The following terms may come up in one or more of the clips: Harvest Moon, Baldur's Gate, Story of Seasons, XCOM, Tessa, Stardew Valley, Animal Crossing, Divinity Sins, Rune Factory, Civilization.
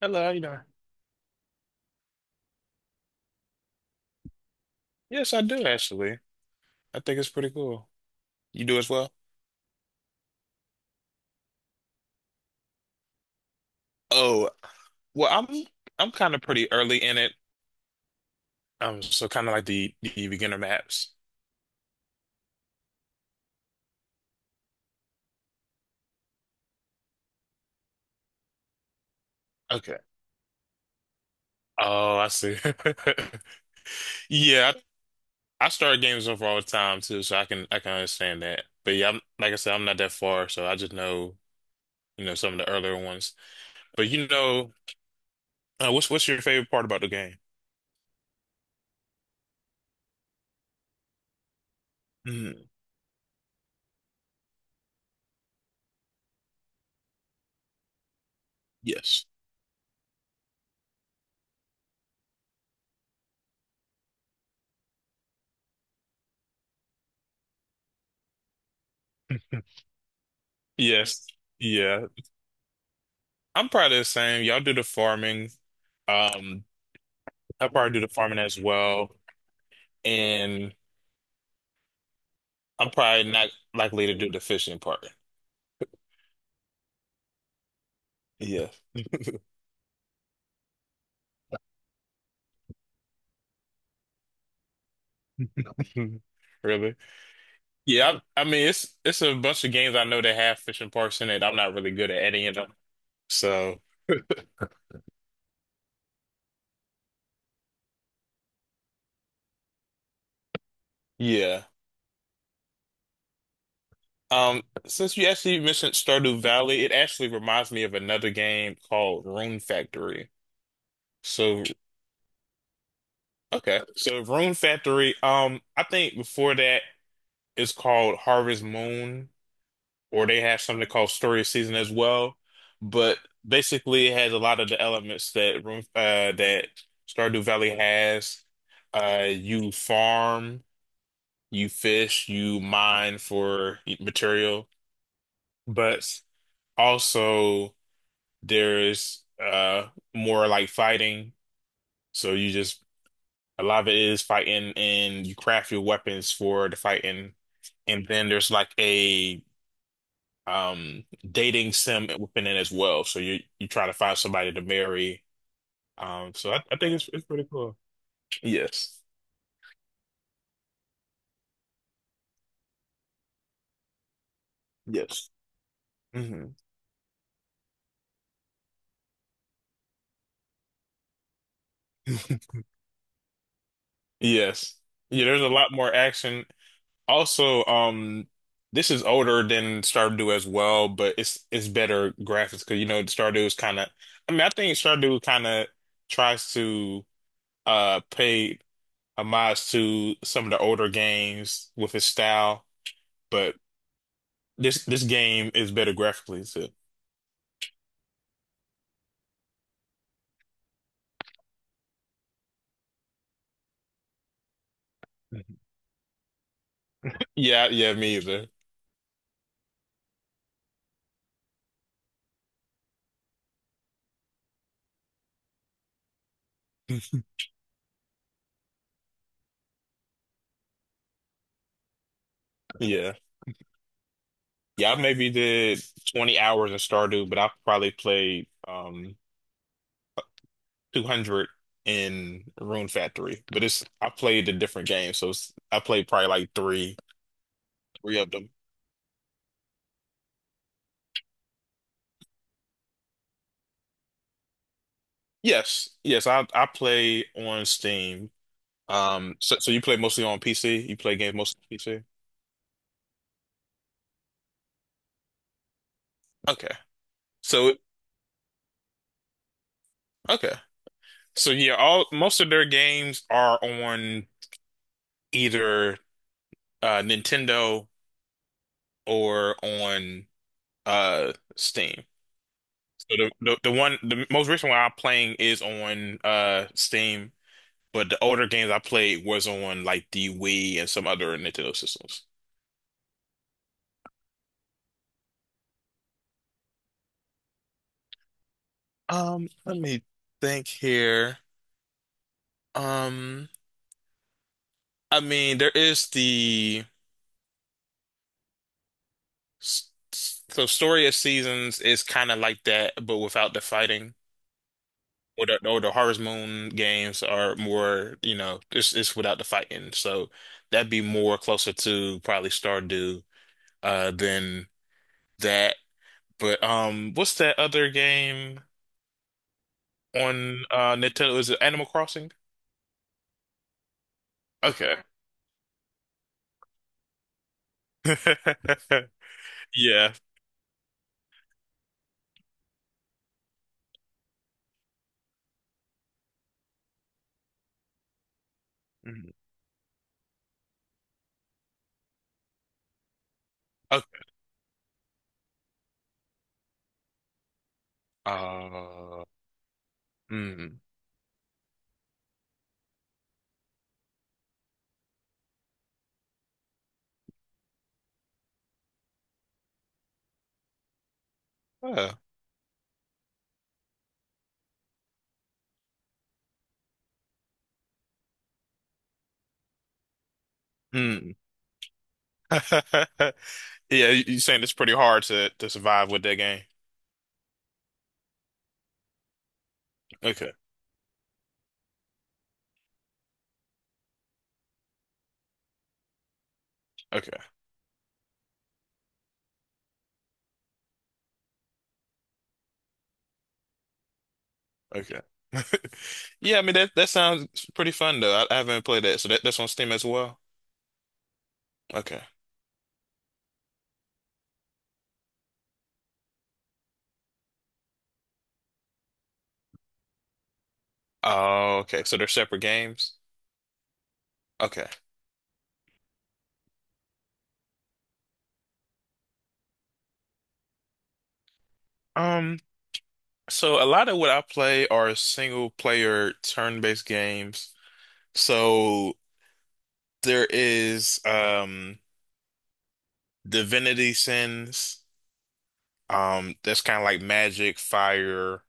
Hello. Yes, I do actually. I think it's pretty cool. You do as well? Oh, well, I'm kind of pretty early in it. So kind of like the beginner maps. Okay. Oh, I see. Yeah, I start games over all the time too, so I can understand that. But yeah, I'm, like I said, I'm not that far, so I just know some of the earlier ones. But what's your favorite part about the game? Mm, yes. Yes. Yeah. I'm probably the same. Y'all do the farming. Um, I probably do the farming as well, and I'm probably not likely to do the fishing part. Yeah. Really? Yeah, I mean it's a bunch of games I know that have fishing parts in it. I'm not really good at any of them. So yeah. Since you actually mentioned Stardew Valley, it actually reminds me of another game called Rune Factory. So okay. So Rune Factory, I think before that it's called Harvest Moon, or they have something called Story Season as well. But basically, it has a lot of the elements that Stardew Valley has. You farm, you fish, you mine for material, but also there's more like fighting. So you just a lot of it is fighting, and you craft your weapons for the fighting. And then there's like a um dating sim within it as well. So you try to find somebody to marry. So I think it's pretty cool. Yes. Yes. Hmm. Yes. Yeah, there's a lot more action. Also, this is older than Stardew as well, but it's better graphics because Stardew is kind of. I mean, I think Stardew kind of tries to pay homage to some of the older games with his style, but this game is better graphically too. Yeah, yeah, me either. Yeah. Yeah, I maybe did 20 hours in Stardew, but I probably played 200 in Rune Factory. But it's I played a different game, so I played probably like three of them. Yes, yes, I play on Steam. So you play mostly on PC? You play games mostly on PC? Okay. So okay. So yeah, all most of their games are on either Nintendo or on Steam. So the most recent one I'm playing is on Steam, but the older games I played was on like the Wii and some other Nintendo systems. Let me think here. Um, I mean, there is so Story of Seasons is kind of like that, but without the fighting. Or the Harvest Moon games are more, it's without the fighting. So that'd be more closer to probably Stardew than that. But what's that other game on Nintendo? Is it Animal Crossing? Okay. Yeah. Mhm. Okay. Uh, mm, uh, mm. Yeah, you saying it's pretty hard to survive with that game? Okay. Okay. Okay. Yeah, I mean that sounds pretty fun though. I haven't played that, so that's on Steam as well. Okay. Oh, okay. So they're separate games. Okay. Um, so a lot of what I play are single player turn-based games. So there is Divinity Sins. That's kind of like Magic, Fire,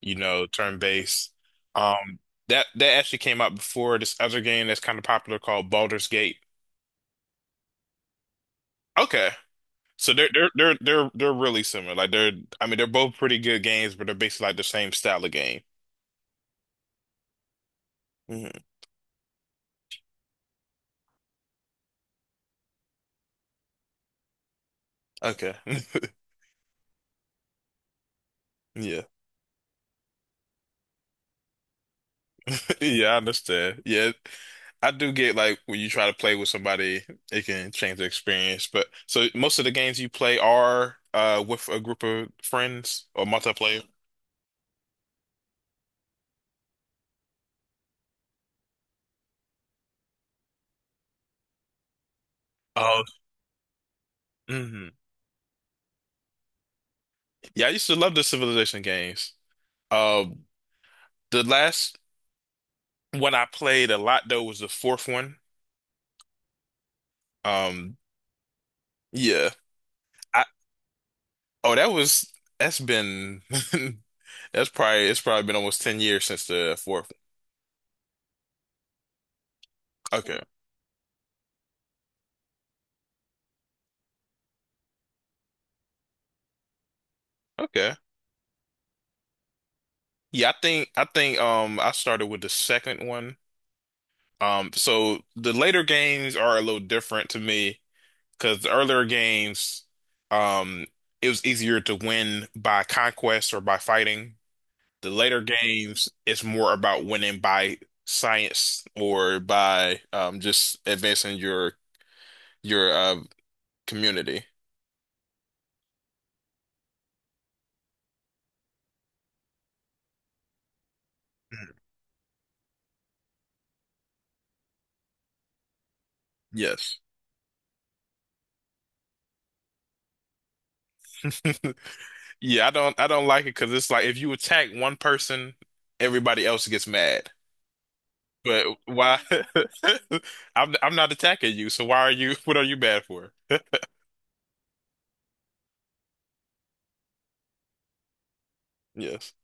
you know, turn-based. Um, that actually came out before this other game that's kind of popular called Baldur's Gate. Okay. So they're really similar. Like they're I mean they're both pretty good games, but they're basically like the same style of game. Hmm. Okay. Yeah. Yeah, I understand. Yeah. I do get like when you try to play with somebody, it can change the experience. But so most of the games you play are with a group of friends or multiplayer. Oh, hmm, yeah, I used to love the Civilization games. Um, the last one I played a lot though was the fourth one. Um, yeah. Oh, that's been that's probably it's probably been almost 10 years since the fourth. Okay. Okay. Yeah, I think I started with the second one. So the later games are a little different to me because the earlier games um it was easier to win by conquest or by fighting. The later games it's more about winning by science or by just advancing your community. Mhm. Yes. Yeah, I don't like it because it's like if you attack one person, everybody else gets mad. But why? I'm not attacking you, so why are you? What are you bad for? Yes,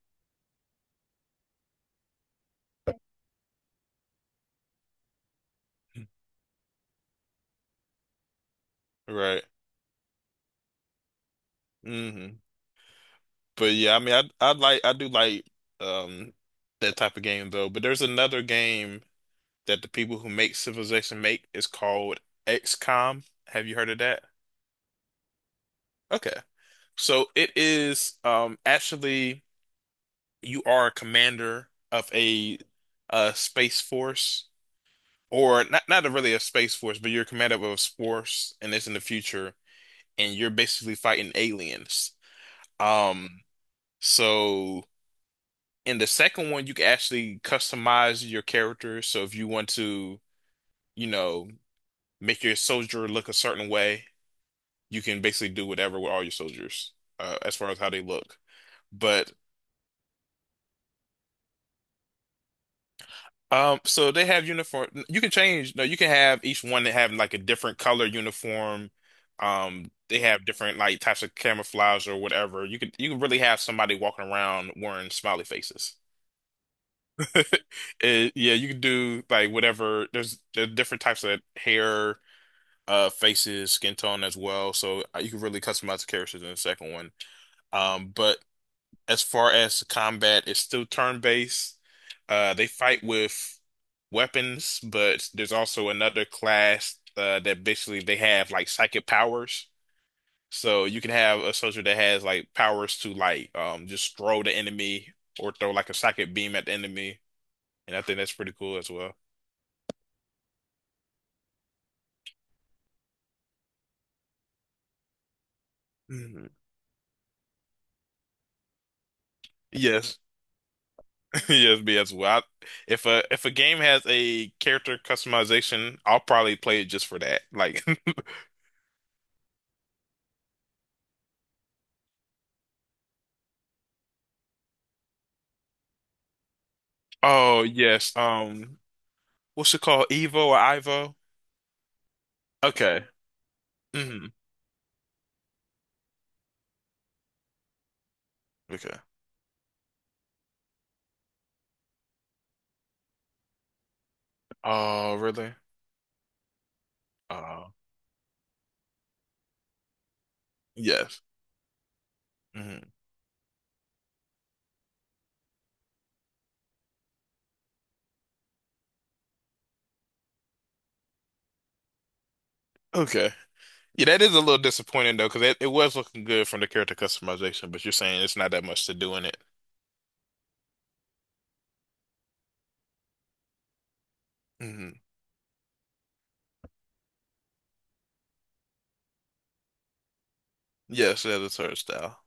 right. Hmm. But yeah, I mean, I do like um that type of game though. But there's another game that the people who make Civilization make is called XCOM. Have you heard of that? Okay. So it is actually, you are a commander of a space force, or not really a space force, but you're a commander of a force, and it's in the future and you're basically fighting aliens. Um so in the second one you can actually customize your character. So if you want to, you know, make your soldier look a certain way, you can basically do whatever with all your soldiers, as far as how they look. But so they have uniform. You can change. No, you can have each one that have like a different color uniform. They have different like types of camouflage or whatever. You can really have somebody walking around wearing smiley faces. Yeah, you can do like whatever. There are different types of hair, faces, skin tone as well. So you can really customize the characters in the second one. But as far as the combat, it's still turn-based. They fight with weapons, but there's also another class that basically they have like psychic powers. So you can have a soldier that has like powers to like just throw the enemy, or throw like a psychic beam at the enemy, and I think that's pretty cool as well. Mhm. Yes, yes, me as well. If a game has a character customization, I'll probably play it just for that. Like, oh yes. What's it called? Evo or Ivo? Okay. Hmm. Okay. Oh, really? Oh, yes. Hmm. Okay. Yeah, that is a little disappointing though, because it was looking good from the character customization, but you're saying it's not that much to do in it. Hmm, yes, that is her style.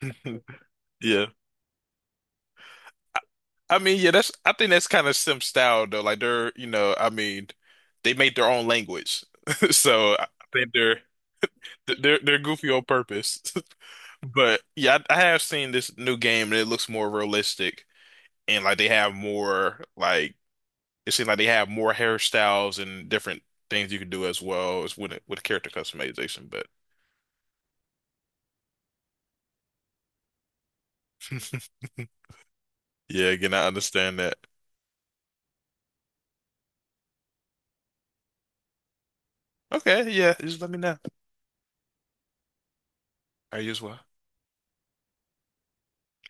Yeah. I mean, yeah, that's I think that's kind of Sim style though. Like they're, I mean, they made their own language. So I think they're goofy on purpose. But yeah, I have seen this new game and it looks more realistic and like they have more like it seems like they have more hairstyles and different things you can do as well as with character customization. But yeah, again, I understand that. Okay, yeah, just let me know. Are you as well?